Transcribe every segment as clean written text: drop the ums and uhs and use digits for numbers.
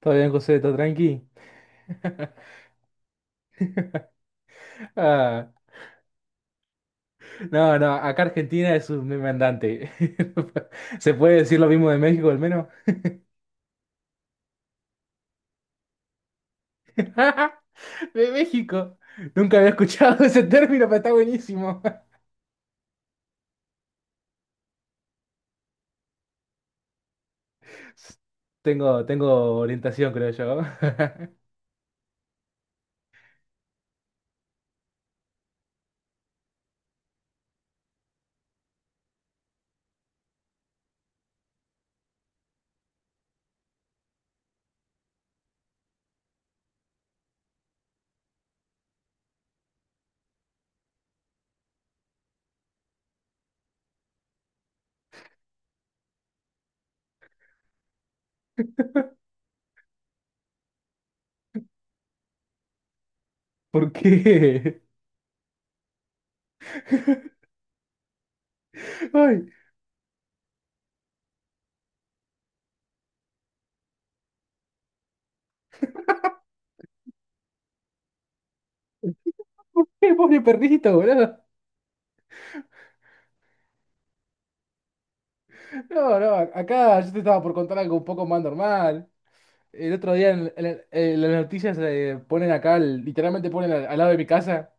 ¿Todo bien, José? ¿Todo tranqui? Ah, no, no, acá Argentina es un meme andante. ¿Se puede decir lo mismo de México al menos? De México. Nunca había escuchado ese término, pero está buenísimo. Tengo orientación, creo yo. ¿Por qué? Ay, ¿por qué, pobre perrito, boludo? No, acá yo te estaba por contar algo un poco más normal. El otro día en las noticias ponen acá, el- literalmente ponen al, al lado de mi casa,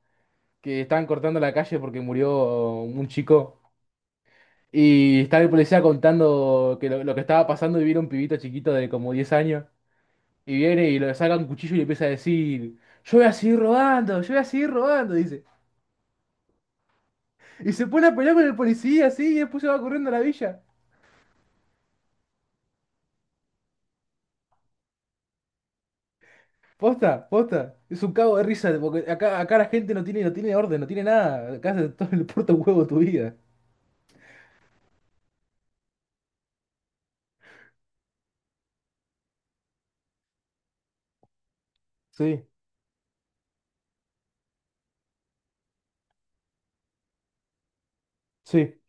que estaban cortando la calle porque murió un chico. Y estaba el policía contando que lo que estaba pasando y viene un pibito chiquito de como 10 años. Y viene y le saca un cuchillo y le empieza a decir, yo voy a seguir robando, yo voy a seguir robando, dice. Y se pone a pelear con el policía así y después se va corriendo a la villa. Posta, posta. Es un cago de risa, porque acá la gente no tiene orden, no tiene nada. Acá se todo el puerto huevo tu vida. Sí. Sí,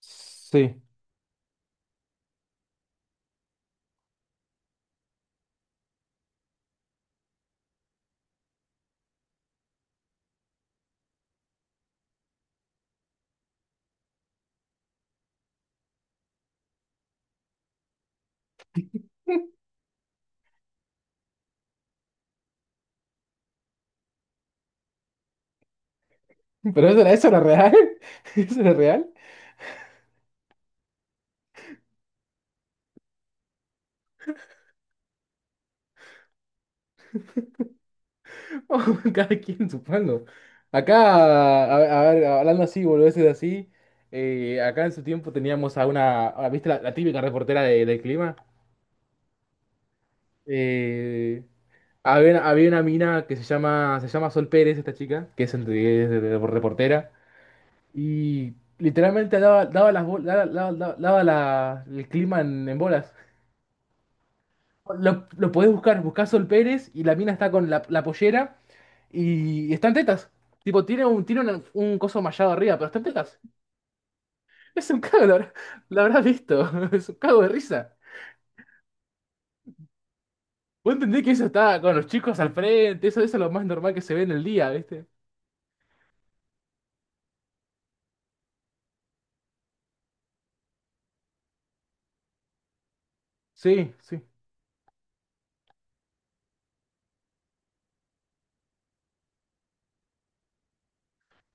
sí. Pero eso era, eso era real. Eso era real. Cada quien, supongo. Acá, a ver, hablando así, boludeces así. Acá en su tiempo teníamos a una. A- ¿Viste la, la típica reportera de- del clima? Eh, Había, una- había una mina que se llama Sol Pérez, esta chica, que es, entre- es de- reportera. Y literalmente daba, daba las bol- daba, daba- daba- daba la- el clima en bolas. Lo podés buscar, buscás Sol Pérez y la mina está con la, la pollera y está en tetas. Tipo, tiene un, tiene una- un coso mallado arriba, pero está en tetas. Es un cago, la habrá- lo habrás visto. Es un cago de risa. ¿Vos entendés que eso está con los chicos al frente? Eso es lo más normal que se ve en el día, ¿viste? Sí, sí,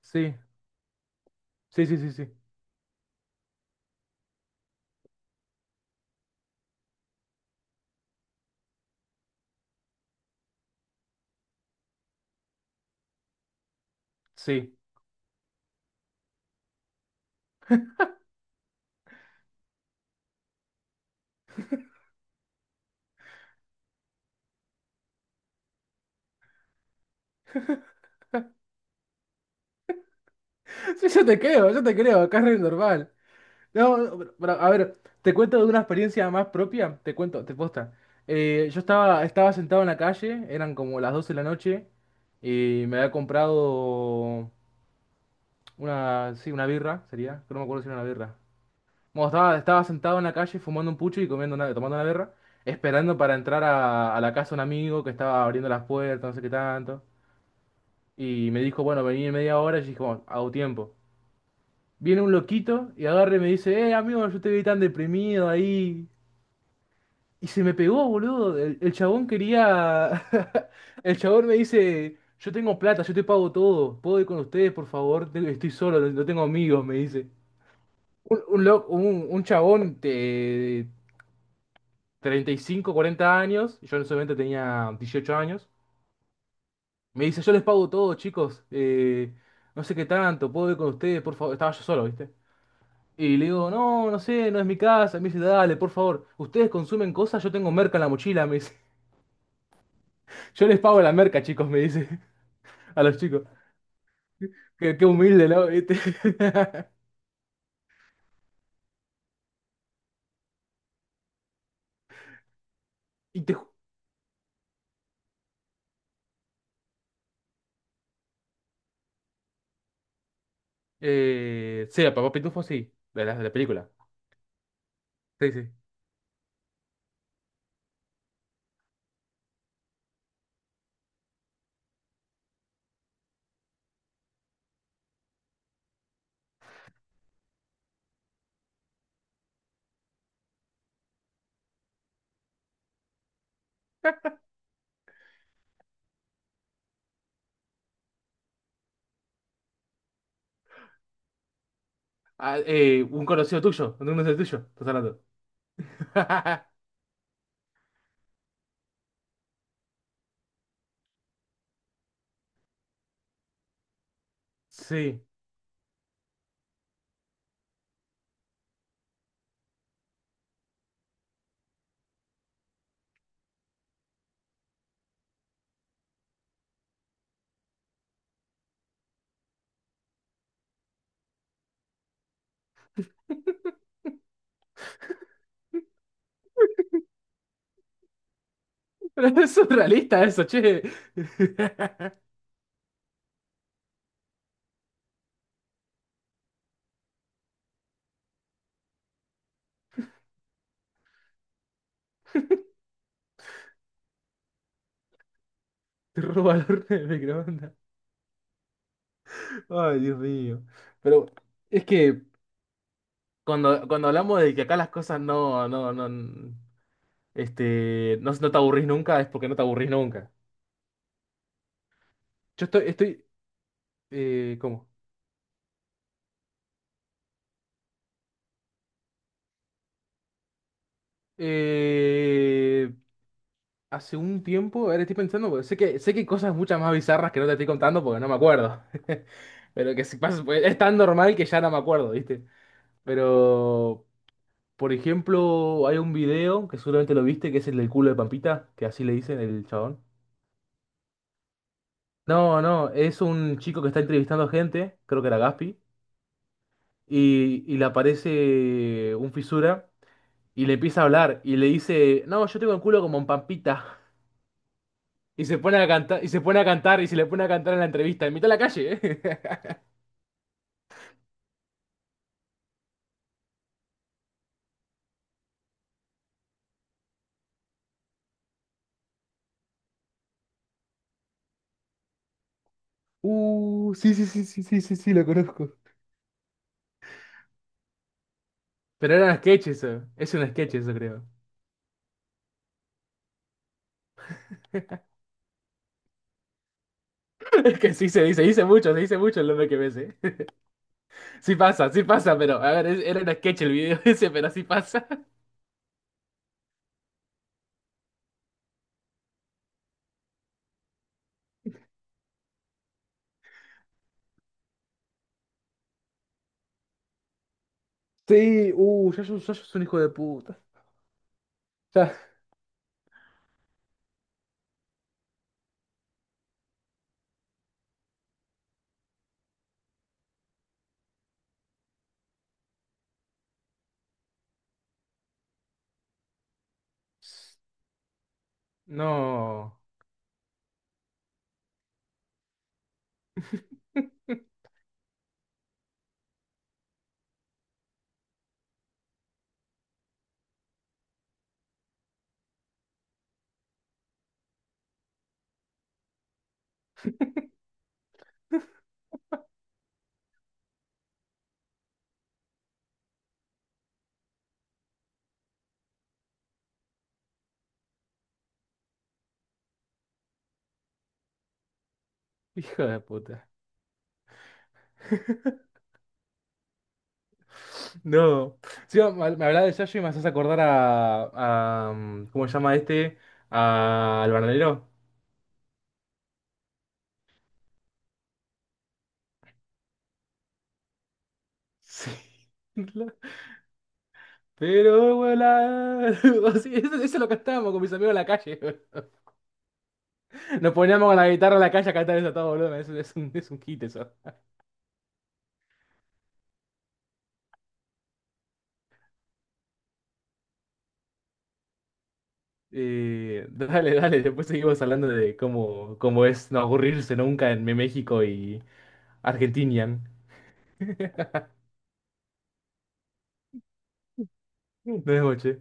sí, sí, sí, sí, sí. Sí, sí, yo te creo, acá es re normal. No, no, pero, A ver, te cuento de una experiencia más propia, te cuento, te posta. Yo estaba sentado en la calle, eran como las 12 de la noche, y me había comprado una, sí, una birra, sería, que no me acuerdo si era una birra. Bueno, estaba sentado en la calle fumando un pucho y comiendo una- tomando una birra, esperando para entrar a la casa de un amigo que estaba abriendo las puertas, no sé qué tanto. Y me dijo, bueno, vení en media hora, y yo dije, bueno, hago tiempo. Viene un loquito y agarre y me dice, amigo, yo te vi tan deprimido ahí. Y se me pegó, boludo. El chabón quería. El chabón me dice: Yo tengo plata, yo te pago todo. ¿Puedo ir con ustedes, por favor? Te- Estoy solo, no tengo amigos, me dice. Un chabón de 35, 40 años, y yo en ese momento tenía 18 años, me dice: Yo les pago todo, chicos. No sé qué tanto, ¿puedo ir con ustedes, por favor? Estaba yo solo, ¿viste? Y le digo: No, no sé, no es mi casa. Me dice: Dale, por favor. ¿Ustedes consumen cosas? Yo tengo merca en la mochila, me dice. Yo les pago la merca, chicos, me dice a los chicos. Qué, qué humilde, ¿no? ¿Viste? Y te... ju- sí, a Papá Pitufo, sí, de la película. Sí, sí. Ah, un conocido tuyo, estás hablando. Sí. Pero no es surrealista eso, che. Te roba el horno del microondas. Ay, Dios mío. Pero es que cuando hablamos de que acá las cosas no te aburrís nunca, es porque no te aburrís nunca. Yo estoy, estoy, ¿Cómo? Eh, Hace un tiempo, ahora estoy pensando, porque sé que hay cosas muchas más bizarras que no te estoy contando porque no me acuerdo. Pero que si pasa, pues, es tan normal que ya no me acuerdo, ¿viste? Pero, por ejemplo, hay un video que seguramente lo viste, que es el del culo de Pampita, que así le dicen el chabón. No, no, es un chico que está entrevistando gente, creo que era Gaspi, y le aparece un fisura y le empieza a hablar y le dice, no, yo tengo el culo como un Pampita. Y se pone a cantar, y se pone a cantar, y se le pone a cantar en la entrevista, en mitad de la calle, ¿eh? Sí, lo conozco. Pero era un sketch eso. Es un sketch eso, creo. Es que sí se dice, dice mucho, se dice mucho el nombre que ves, ¿eh? Sí pasa, pero a ver, es- era un sketch el video ese, pero sí pasa. Sí, Yayo, Yayo es un hijo de puta. Ya, no. Hijo de puta. No. Sí, me hablaba de Yayo y me haces acordar a, ¿cómo se llama este? A- al bananero. Sí. la- Pero volar. Sí, eso lo cantábamos con mis amigos en la calle. Nos poníamos con la guitarra en la calle a cantar eso a todo volumen. Es un hit eso. Dale, dale. Después seguimos hablando de cómo, cómo es no aburrirse nunca en México y Argentina. Buenas noches.